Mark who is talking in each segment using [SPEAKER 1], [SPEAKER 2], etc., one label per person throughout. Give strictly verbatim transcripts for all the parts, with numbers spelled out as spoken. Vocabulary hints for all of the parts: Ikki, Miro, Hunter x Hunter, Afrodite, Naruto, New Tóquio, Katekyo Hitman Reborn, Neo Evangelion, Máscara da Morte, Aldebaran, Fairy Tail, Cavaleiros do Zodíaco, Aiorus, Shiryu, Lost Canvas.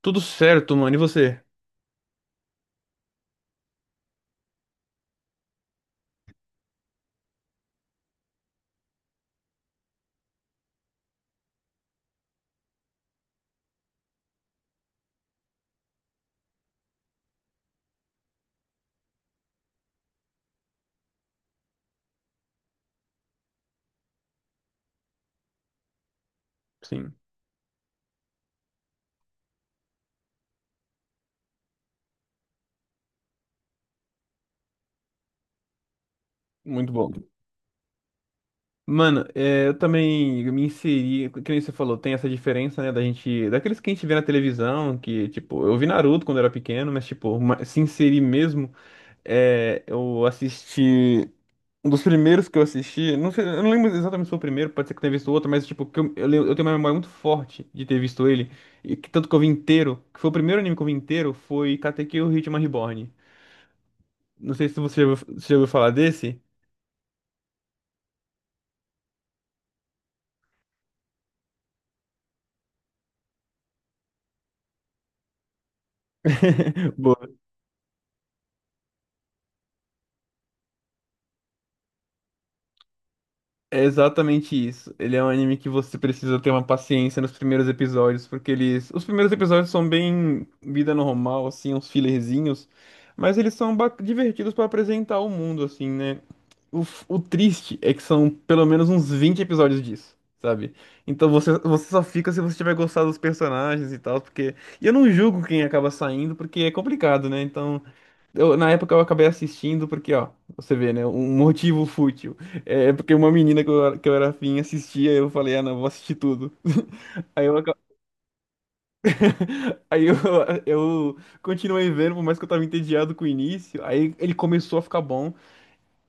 [SPEAKER 1] Tudo certo, mano. E você? Sim. Muito bom. Mano, é, eu também me inseri, que nem você falou, tem essa diferença, né, da gente, daqueles que a gente vê na televisão, que, tipo, eu vi Naruto quando era pequeno, mas, tipo, uma- se inserir mesmo, é, eu assisti, um dos primeiros que eu assisti, não sei, eu não lembro exatamente se foi o primeiro, pode ser que tenha visto outro, mas, tipo, que eu, eu, lem- eu tenho uma memória muito forte de ter visto ele, e que tanto que eu vi inteiro, que foi o primeiro anime que eu vi inteiro, foi Katekyo Hitman Reborn. Não sei se você já ouviu, você já ouviu falar desse. Boa. É exatamente isso. Ele é um anime que você precisa ter uma paciência nos primeiros episódios, porque eles. Os primeiros episódios são bem vida normal, assim, uns fillerzinhos, mas eles são ba- divertidos pra apresentar o mundo, assim, né? O, f- o triste é que são pelo menos uns vinte episódios disso, sabe? Então você, você só fica se você tiver gostado dos personagens e tal, porque. E eu não julgo quem acaba saindo, porque é complicado, né? Então. Eu- na época eu acabei assistindo porque, ó, você vê, né? Um motivo fútil. É é porque uma menina que eu, era- que eu era afim assistia, eu falei, ah, não, vou assistir tudo. Aí eu, aca- aí eu, eu continuei vendo, por mais que eu tava entediado com o início. Aí ele começou a ficar bom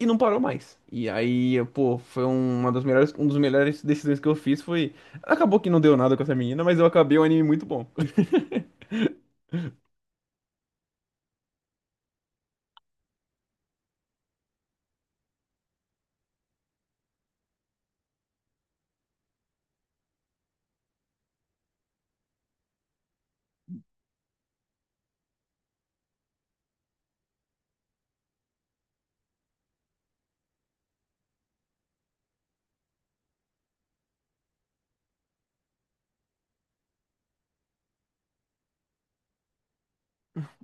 [SPEAKER 1] e não parou mais. E aí, eu, pô, foi uma das melhores, um dos melhores decisões que eu fiz foi. Acabou que não deu nada com essa menina, mas eu acabei um anime muito bom.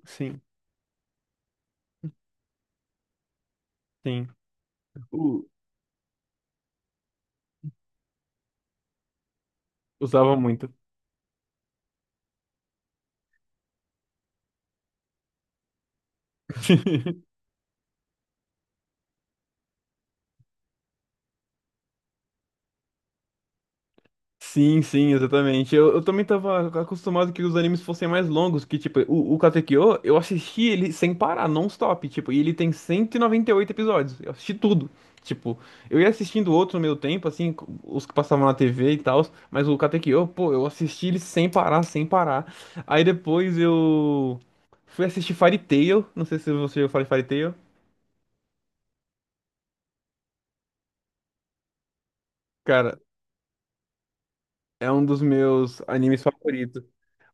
[SPEAKER 1] Sim, sim. U- Usava muito. Sim, sim, exatamente. Eu, eu também tava acostumado que os animes fossem mais longos, que tipo, o, o Katekyo, eu assisti ele sem parar, non-stop, tipo, e ele tem cento e noventa e oito episódios. Eu assisti tudo. Tipo, eu ia assistindo outros no meu tempo, assim, co- os que passavam na T V e tal, mas o Katekyo, pô, eu assisti ele sem parar, sem parar. Aí depois eu fui assistir Fairy Tail, não sei se você já falou Fairy Tail. Cara, é um dos meus animes favoritos.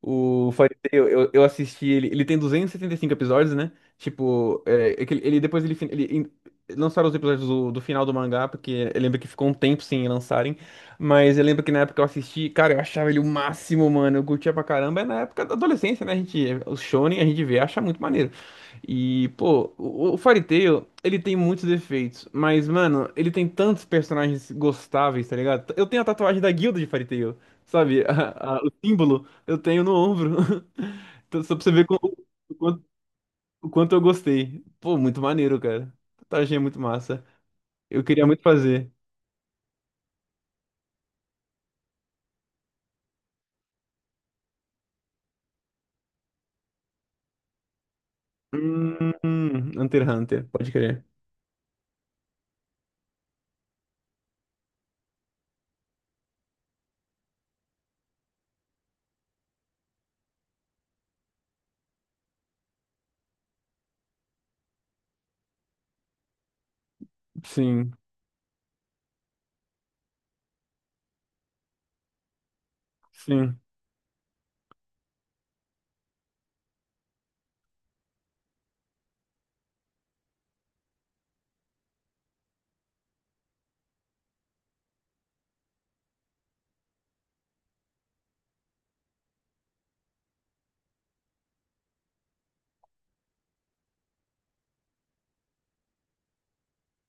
[SPEAKER 1] O Fariseu, eu, eu assisti ele. Ele tem duzentos e e setenta e cinco episódios, né? Tipo, é, é que ele, ele- depois ele, fin- ele in- lançaram os episódios do, do final do mangá, porque eu lembro que ficou um tempo sem lançarem. Mas eu lembro que na época eu assisti, cara, eu achava ele o máximo, mano. Eu curtia pra caramba. É na época da adolescência, né? A gente, o Shonen a gente vê, acha muito maneiro. E, pô, o, o Fairy Tail, ele tem muitos defeitos, mas, mano, ele tem tantos personagens gostáveis, tá ligado? Eu tenho a tatuagem da guilda de Fairy Tail, sabe? A- a- o símbolo. Eu tenho no ombro. Então, só pra você ver co- o quanto, o quanto eu gostei. Pô, muito maneiro, cara. Tatuagem é muito massa. Eu queria muito fazer. Hum, Hunter x Hunter, pode crer. Sim, sim.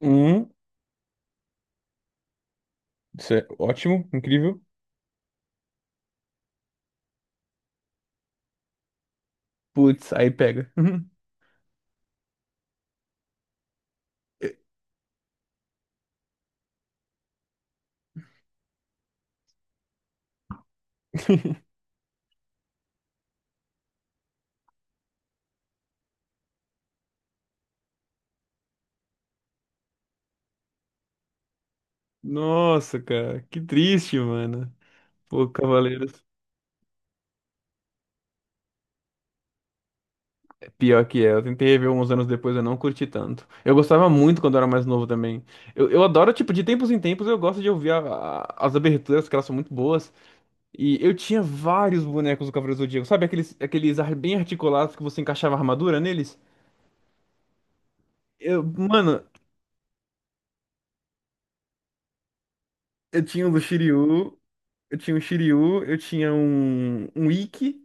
[SPEAKER 1] Hum, isso é ótimo, incrível. Putz, aí pega. Nossa, cara, que triste, mano. Pô, Cavaleiros. Pior que é, eu tentei rever uns anos depois, eu não curti tanto. Eu gostava muito quando eu era mais novo também. Eu, eu adoro, tipo, de tempos em tempos eu gosto de ouvir a- a- as aberturas, que elas são muito boas. E eu tinha vários bonecos do Cavaleiro do Zodíaco, sabe? Aqueles, aqueles ar- bem articulados que você encaixava a armadura neles. Eu, mano, eu tinha um do Shiryu, eu tinha um Shiryu, eu tinha um, um Ikki.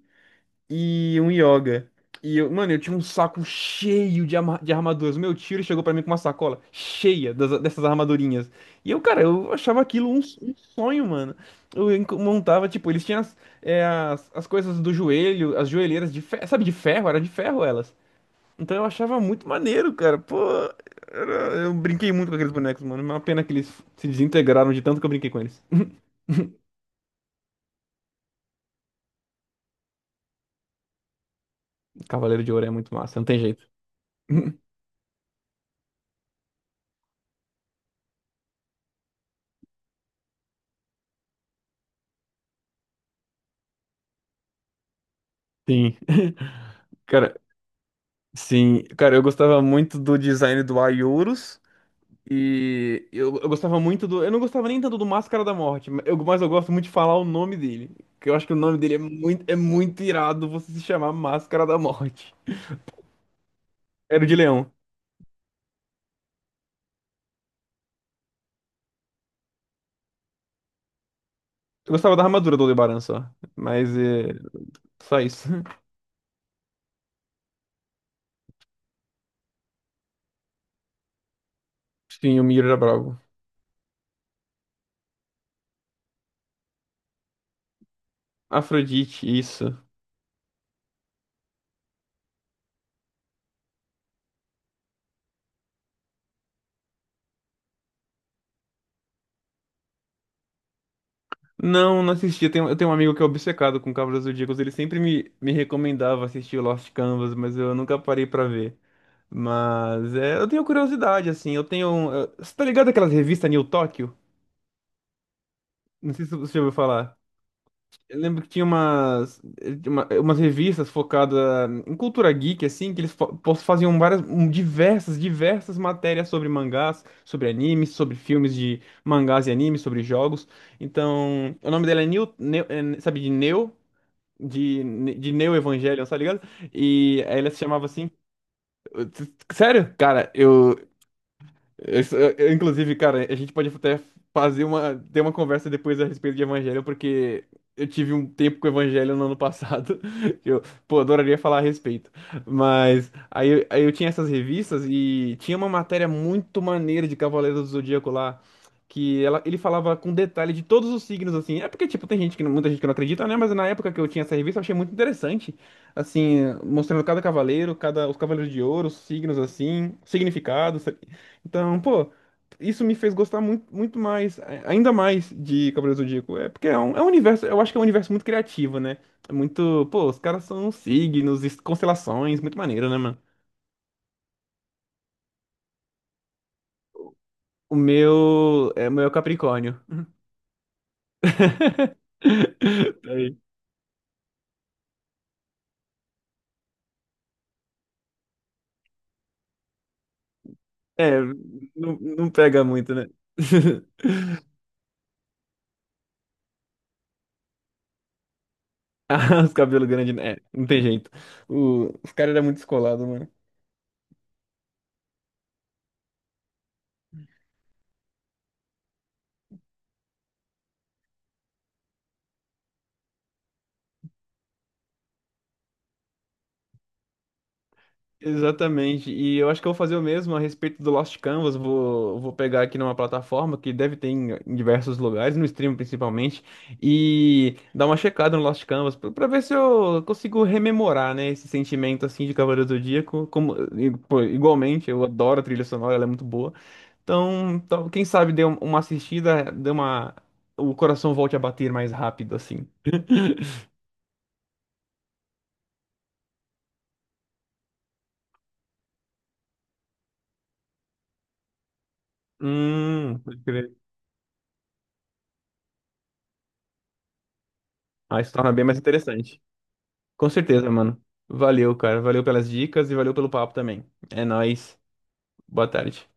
[SPEAKER 1] E um yoga. E eu, mano, eu tinha um saco cheio de, arma- de armaduras. Meu tio ele chegou pra mim com uma sacola cheia das- dessas armadurinhas. E eu, cara, eu achava aquilo um, um sonho, mano. Eu enco- montava, tipo, eles tinham as, é, as, as coisas do joelho, as joelheiras de ferro, sabe, de ferro, era de ferro elas. Então eu achava muito maneiro, cara. Pô, era- eu brinquei muito com aqueles bonecos, mano. Uma pena que eles se desintegraram de tanto que eu brinquei com eles. Cavaleiro de Ouro é muito massa, não tem jeito. Sim. Cara, Sim, cara, eu gostava muito do design do Aiorus. E eu, eu gostava muito do. Eu não gostava nem tanto do Máscara da Morte, mas eu, mas eu gosto muito de falar o nome dele. Que eu acho que o nome dele é muito, é muito irado você se chamar Máscara da Morte. Era o de leão. Eu gostava da armadura do Aldebaran só. Mas é. Só isso. Sim, o Miro era brabo. Afrodite, isso. Não, não assisti. Eu tenho, eu tenho um amigo que é obcecado com Cavaleiros do Zodíaco. Ele sempre me, me recomendava assistir Lost Canvas, mas eu nunca parei pra ver. Mas é, eu tenho curiosidade, assim. Eu tenho. um- eu- Você tá ligado aquelas revistas New Tóquio? Não sei se você já ouviu falar. Eu lembro que tinha umas, eh, uma- umas revistas focadas em cultura geek, assim, que eles fa- pos- faziam várias, um, diversas, diversas matérias sobre mangás, sobre animes, sobre filmes de mangás e animes, sobre jogos. Então, o nome dela é New, Neo- é, sabe, de Neo? de, de Neo Evangelion, tá ligado? E aí ela se chamava assim. Sério? Cara, eu, isso, eu- eu, inclusive, cara, a gente pode até fazer uma, ter uma conversa depois a respeito de evangelho, porque eu tive um tempo com o evangelho no ano passado. Eu, pô, adoraria falar a respeito. Mas aí, eu- aí eu tinha essas revistas e tinha uma matéria muito maneira de Cavaleiros do Zodíaco lá, que ela, ele falava com detalhe de todos os signos, assim. É porque, tipo, tem gente que, não- muita gente que não acredita, né? Mas na época que eu tinha essa revista, eu achei muito interessante. Assim, mostrando cada cavaleiro, cada, os cavaleiros de ouro, os signos, assim, significados. Então, pô, isso me fez gostar muito, muito mais, a- ainda mais de Cavaleiros do Zodíaco. É porque é um, é um universo, eu acho que é um universo muito criativo, né? É muito, pô, os caras são signos, es- constelações, muito maneiro, né, mano? O meu é o meu é Capricórnio. Tá aí. É, não, não pega muito, né? Ah, os cabelos grandes, né? É, não tem jeito. O, os caras eram muito descolados, mano. Exatamente. E eu acho que eu vou fazer o mesmo a respeito do Lost Canvas. Vou, vou pegar aqui numa plataforma que deve ter em, em diversos lugares, no stream principalmente, e dar uma checada no Lost Canvas pra pra ver se eu consigo rememorar, né, esse sentimento assim de Cavaleiro do Zodíaco. Como, e, pô, igualmente, eu adoro a trilha sonora, ela é muito boa. Então, então, quem sabe dê um- uma assistida, dê uma, o coração volte a bater mais rápido assim. Hum, pode crer. Aí se torna bem mais interessante. Com certeza, mano. Valeu, cara. Valeu pelas dicas e valeu pelo papo também. É nóis. Boa tarde.